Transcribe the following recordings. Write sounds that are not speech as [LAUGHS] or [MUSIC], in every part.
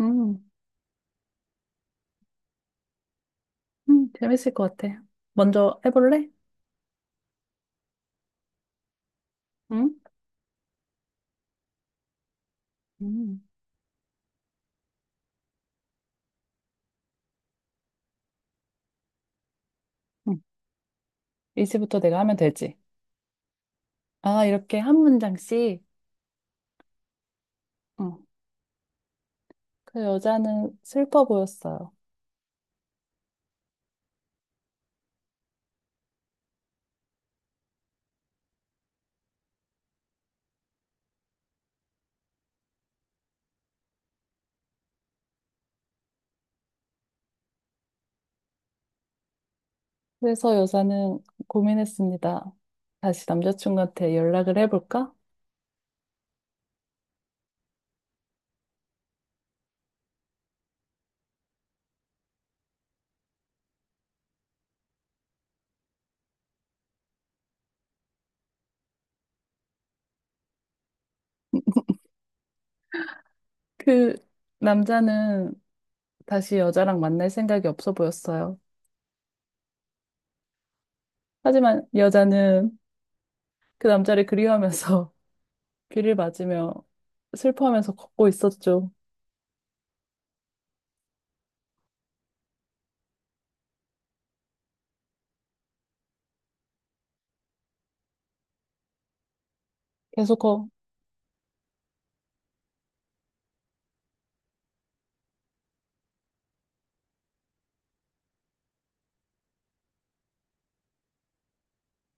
음, 재밌을 것 같아. 먼저 해볼래? 응? 음, 응. 이제부터 내가 하면 되지. 아, 이렇게 한 문장씩. 응. 그 여자는 슬퍼 보였어요. 그래서 여자는 고민했습니다. 다시 남자친구한테 연락을 해볼까? 그 남자는 다시 여자랑 만날 생각이 없어 보였어요. 하지만 여자는 그 남자를 그리워하면서 [LAUGHS] 귀를 맞으며 슬퍼하면서 걷고 있었죠. 계속 거,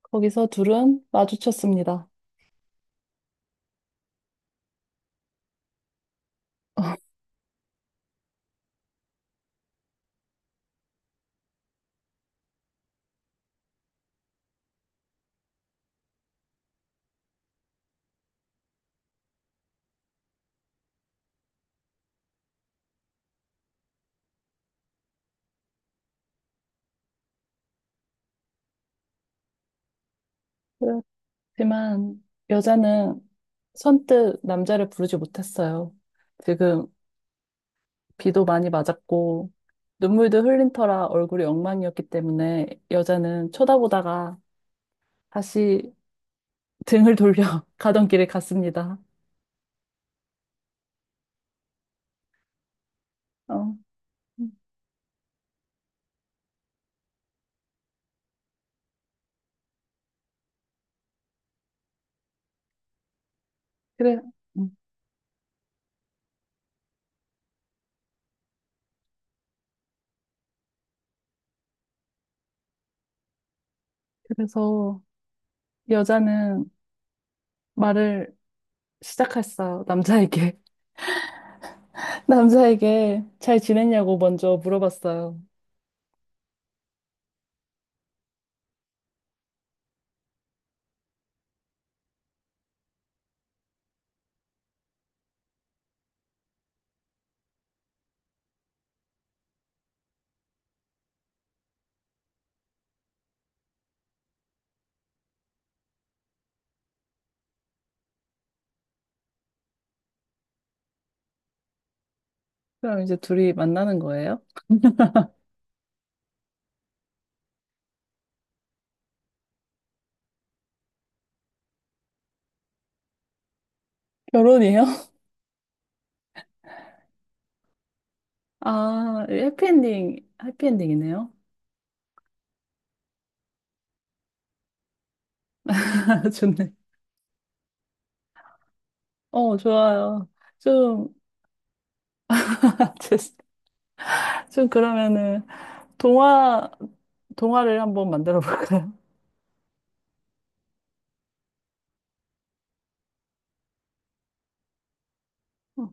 거기서 둘은 마주쳤습니다. 그렇지만 여자는 선뜻 남자를 부르지 못했어요. 지금 비도 많이 맞았고 눈물도 흘린 터라 얼굴이 엉망이었기 때문에 여자는 쳐다보다가 다시 등을 돌려 [LAUGHS] 가던 길을 갔습니다. 어, 그래, 음, 그래서 여자는 말을 시작했어요, 남자에게. [LAUGHS] 남자에게 잘 지냈냐고 먼저 물어봤어요. 그럼 이제 둘이 만나는 거예요? 결혼이에요? [LAUGHS] 아, 해피엔딩, 해피엔딩이네요. [LAUGHS] 좋네. 어, 좋아요. 좀, [LAUGHS] 죄송- 좀 그러면은, 동화, 동화를 한번 만들어 볼까요? [LAUGHS] 어,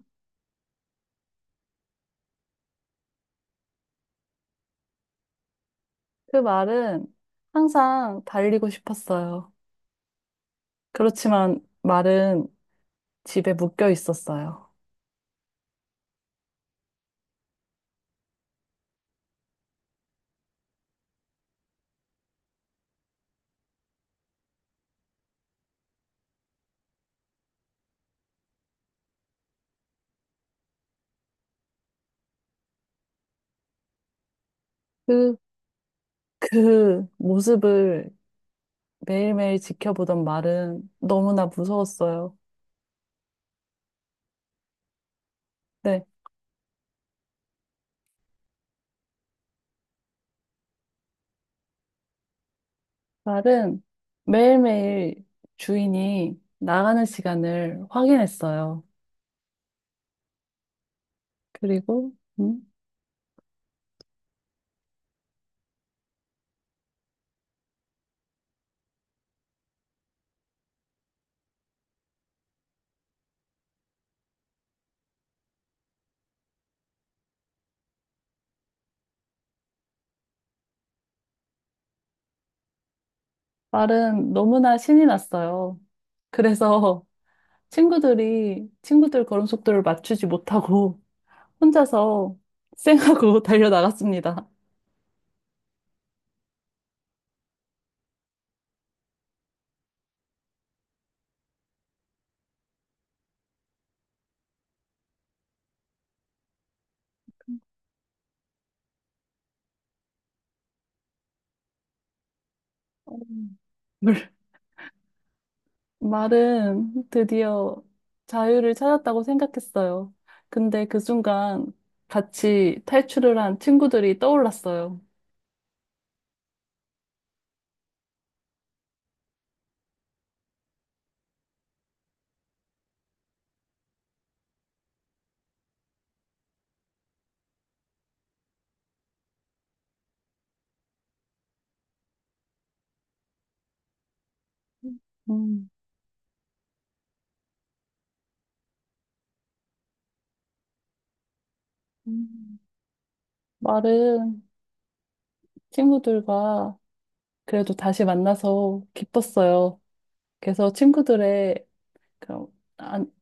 그 말은 항상 달리고 싶었어요. 그렇지만 말은 집에 묶여 있었어요. 그, 그 모습을 매일매일 지켜보던 말은 너무나 무서웠어요. 네, 말은 매일매일 주인이 나가는 시간을 확인했어요. 그리고 음, 말은 너무나 신이 났어요. 그래서 [LAUGHS] 친구들 걸음 속도를 맞추지 못하고 혼자서 쌩하고 [LAUGHS] 달려 나갔습니다. 말은 드디어 자유를 찾았다고 생각했어요. 근데 그 순간 같이 탈출을 한 친구들이 떠올랐어요. 음, 음. 말은 친구들과 그래도 다시 만나서 기뻤어요. 그래서 친구들의 그런 안,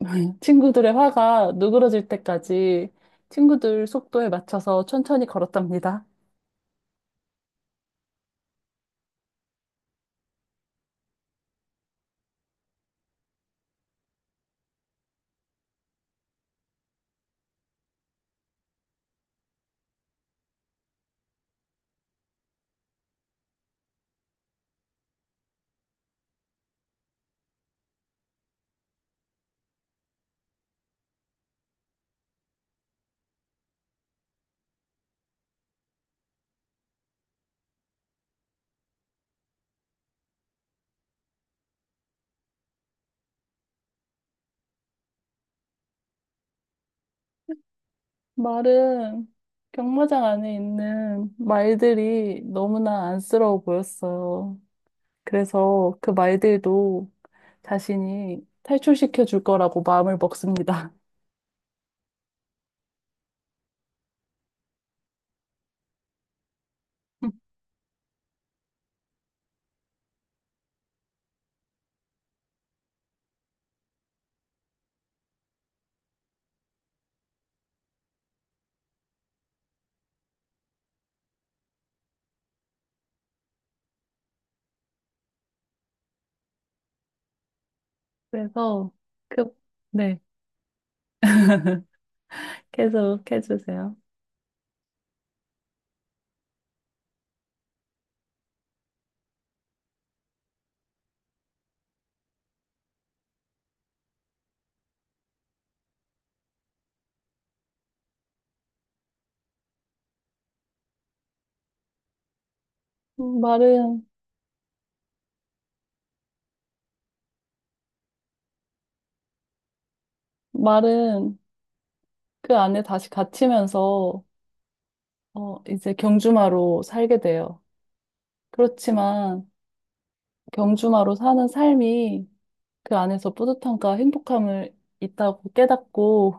[LAUGHS] 친구들의 화가 누그러질 때까지 친구들 속도에 맞춰서 천천히 걸었답니다. 말은 경마장 안에 있는 말들이 너무나 안쓰러워 보였어요. 그래서 그 말들도 자신이 탈출시켜 줄 거라고 마음을 먹습니다. [LAUGHS] 그래서 그, 네. [LAUGHS] 계속 해주세요. 음, 말은, 말은 그 안에 다시 갇히면서, 어, 이제 경주마로 살게 돼요. 그렇지만 경주마로 사는 삶이 그 안에서 뿌듯함과 행복함을 있다고 깨닫고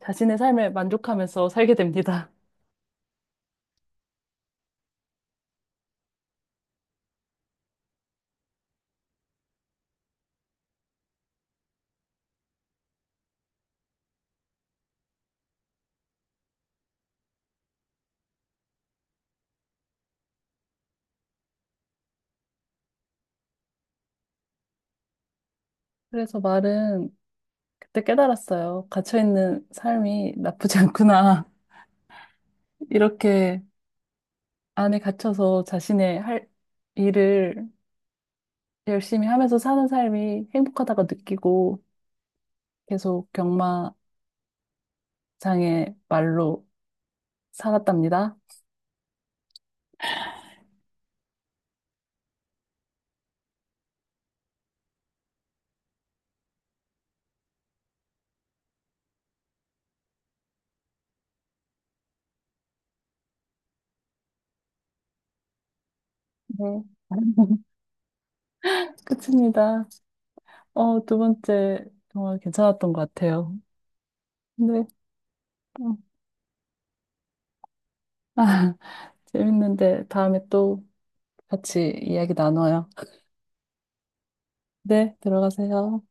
자신의 삶에 만족하면서 살게 됩니다. 그래서 말은 그때 깨달았어요. 갇혀있는 삶이 나쁘지 않구나. [LAUGHS] 이렇게 안에 갇혀서 자신의 할 일을 열심히 하면서 사는 삶이 행복하다고 느끼고 계속 경마장의 말로 살았답니다. 네. [LAUGHS] 끝입니다. 어, 두 번째 정말 괜찮았던 것 같아요. 네. 어. [LAUGHS] 재밌는데 다음에 또 같이 이야기 나눠요. 네, 들어가세요.